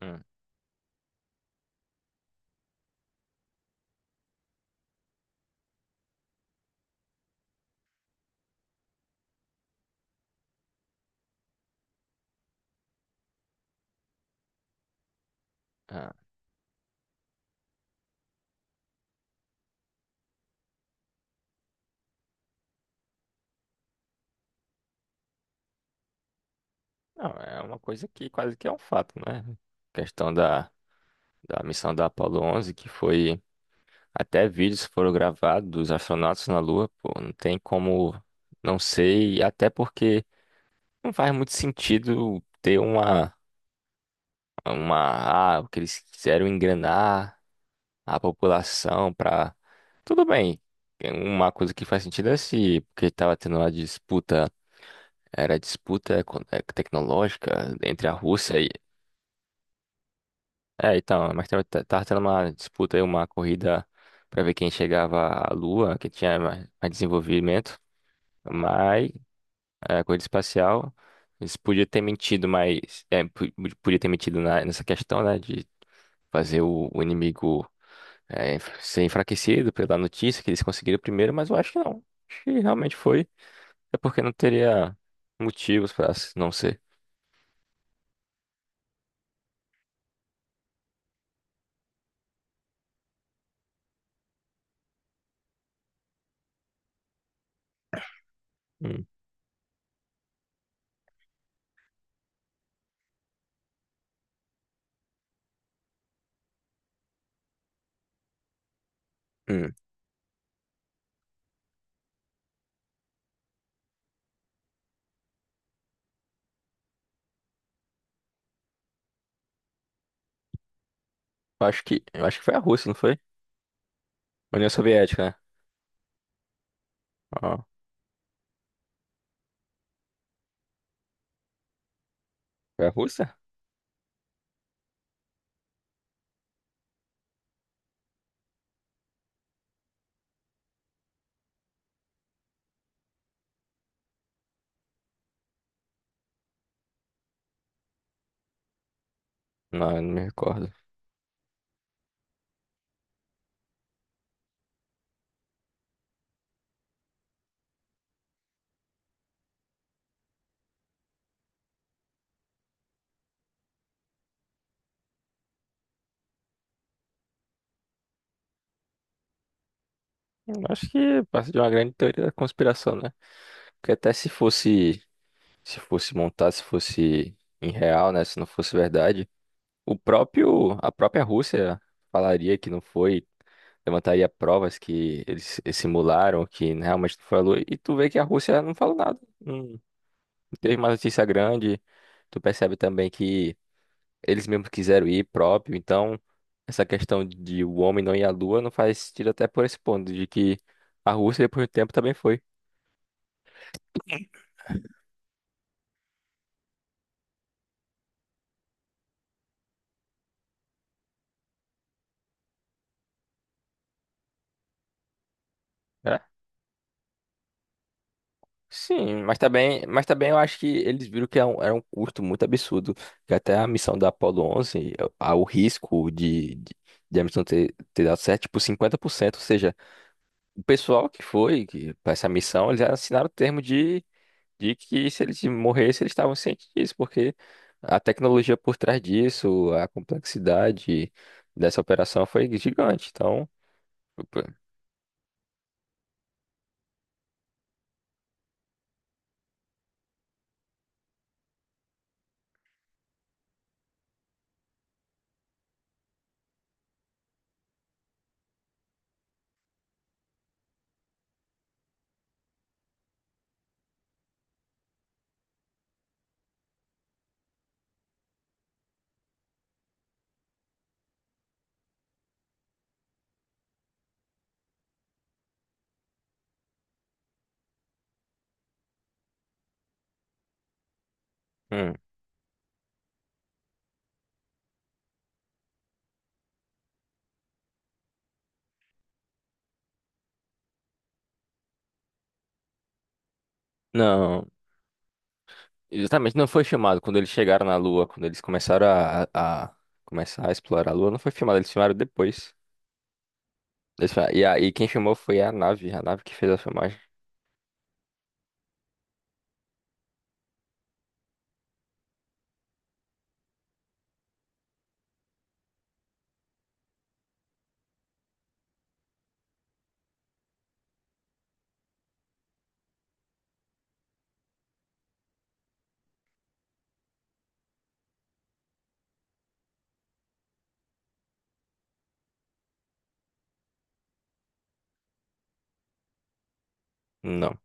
Hum, ah. Não, é uma coisa que quase que é um fato, né? Questão da missão da Apollo 11, que foi até vídeos foram gravados dos astronautas na Lua, pô, não tem como não sei, até porque não faz muito sentido ter uma o que eles quiseram enganar a população para tudo bem. Uma coisa que faz sentido é se porque estava tendo uma disputa, era disputa tecnológica entre a Rússia. É, então, mas tava tendo uma disputa aí, uma corrida pra ver quem chegava à Lua, quem tinha mais desenvolvimento. Mas é, a corrida espacial, eles podiam ter mentido, mas é, podia ter mentido nessa questão, né, de fazer o inimigo ser enfraquecido pela notícia que eles conseguiram primeiro, mas eu acho que não. Acho que realmente foi. É porque não teria motivos pra não ser. Hum, hum. Eu acho que foi a Rússia, não foi? A União Soviética, né? Ó, foi a Rússia? Não, eu não me recordo. Eu acho que passa de uma grande teoria da conspiração, né? Porque até se fosse, se fosse montar, se fosse em real, né? Se não fosse verdade, a própria Rússia falaria que não foi, levantaria provas que eles simularam, que realmente não falou. E tu vê que a Rússia não falou nada. Não teve uma notícia grande. Tu percebe também que eles mesmos quiseram ir próprio, então essa questão de o homem não ir à Lua não faz sentido até por esse ponto, de que a Rússia depois do tempo também foi. Né? Sim, mas também, eu acho que eles viram que era um custo muito absurdo, que até a missão da Apollo 11, o risco de a missão ter dado certo, tipo 50%. Ou seja, o pessoal que foi para essa missão, eles assinaram o termo de que se eles morressem, eles estavam cientes disso, porque a tecnologia por trás disso, a complexidade dessa operação foi gigante. Então, opa, hum, não, exatamente, não foi chamado quando eles chegaram na Lua, quando eles começaram a começar a explorar a Lua, não foi filmado, eles filmaram depois. E quem filmou foi a nave que fez a filmagem. Não,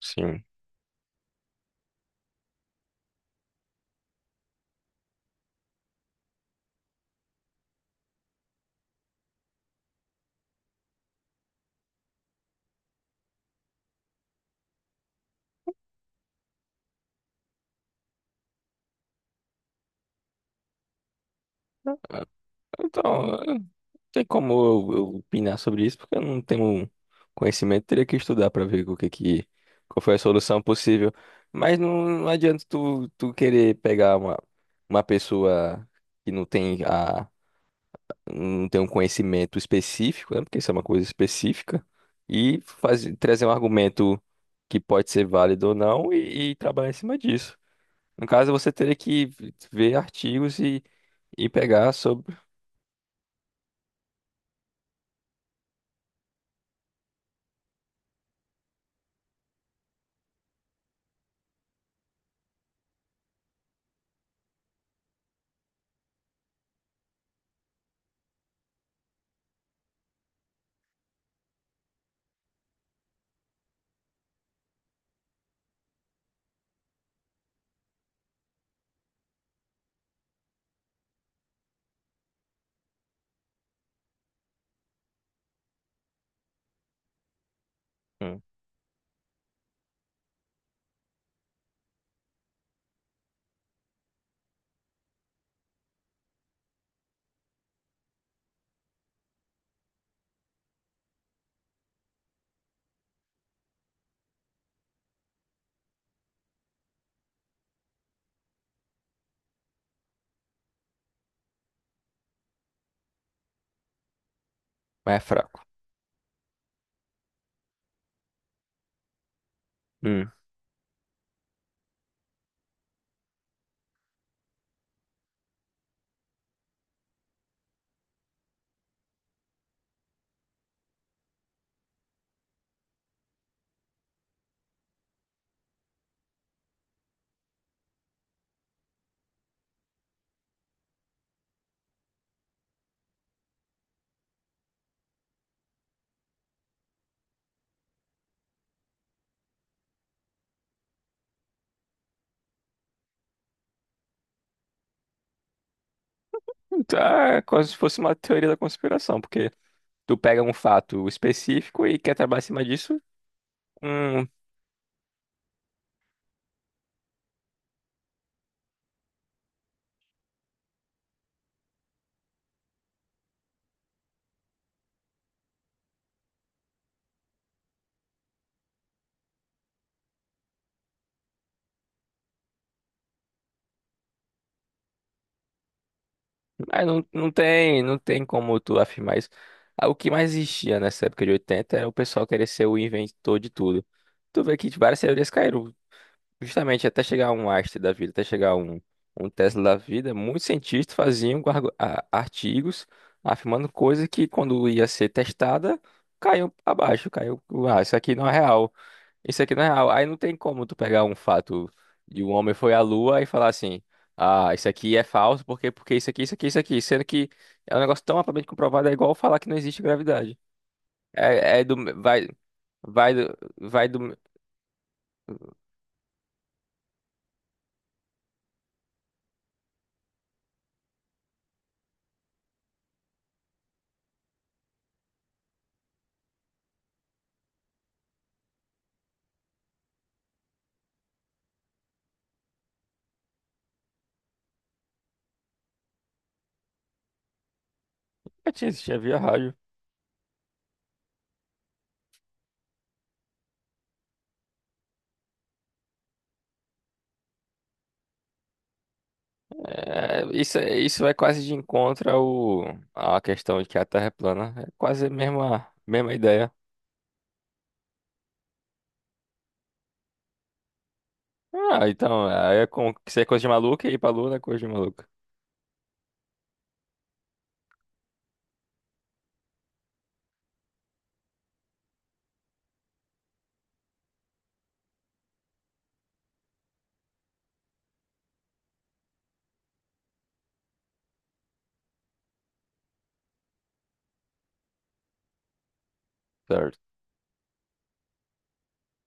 sim. Então, tem como eu opinar sobre isso, porque eu não tenho conhecimento, teria que estudar para ver o que que, qual foi a solução possível. Mas não, não adianta tu querer pegar uma pessoa que não tem um conhecimento específico, né? Porque isso é uma coisa específica, e fazer, trazer um argumento que pode ser válido ou não e trabalhar em cima disso. No caso, você teria que ver artigos e pegar sobre. Hum. Mas é fraco. Hum. Tá, é como se fosse uma teoria da conspiração, porque tu pega um fato específico e quer trabalhar em cima disso, hum, mas não, não tem como tu afirmar isso. Ah, o que mais existia nessa época de 80 é o pessoal querer ser o inventor de tudo. Tu vê que várias teorias caíram, justamente até chegar um Einstein da vida, até chegar um Tesla da vida, muitos cientistas faziam artigos afirmando coisas que quando ia ser testada, caiu abaixo. Isso aqui não é real. Isso aqui não é real. Aí não tem como tu pegar um fato de um homem foi à Lua e falar assim, ah, isso aqui é falso, porque isso aqui, sendo que é um negócio tão amplamente comprovado, é igual falar que não existe gravidade. É, do, vai, vai do, eu tinha existido, via rádio. É, isso, isso é quase de encontro à questão de que a Terra é plana. É quase a mesma ideia. Ah, então, aí é como que isso é coisa de maluco e ir pra Lua é coisa de maluco. Certo.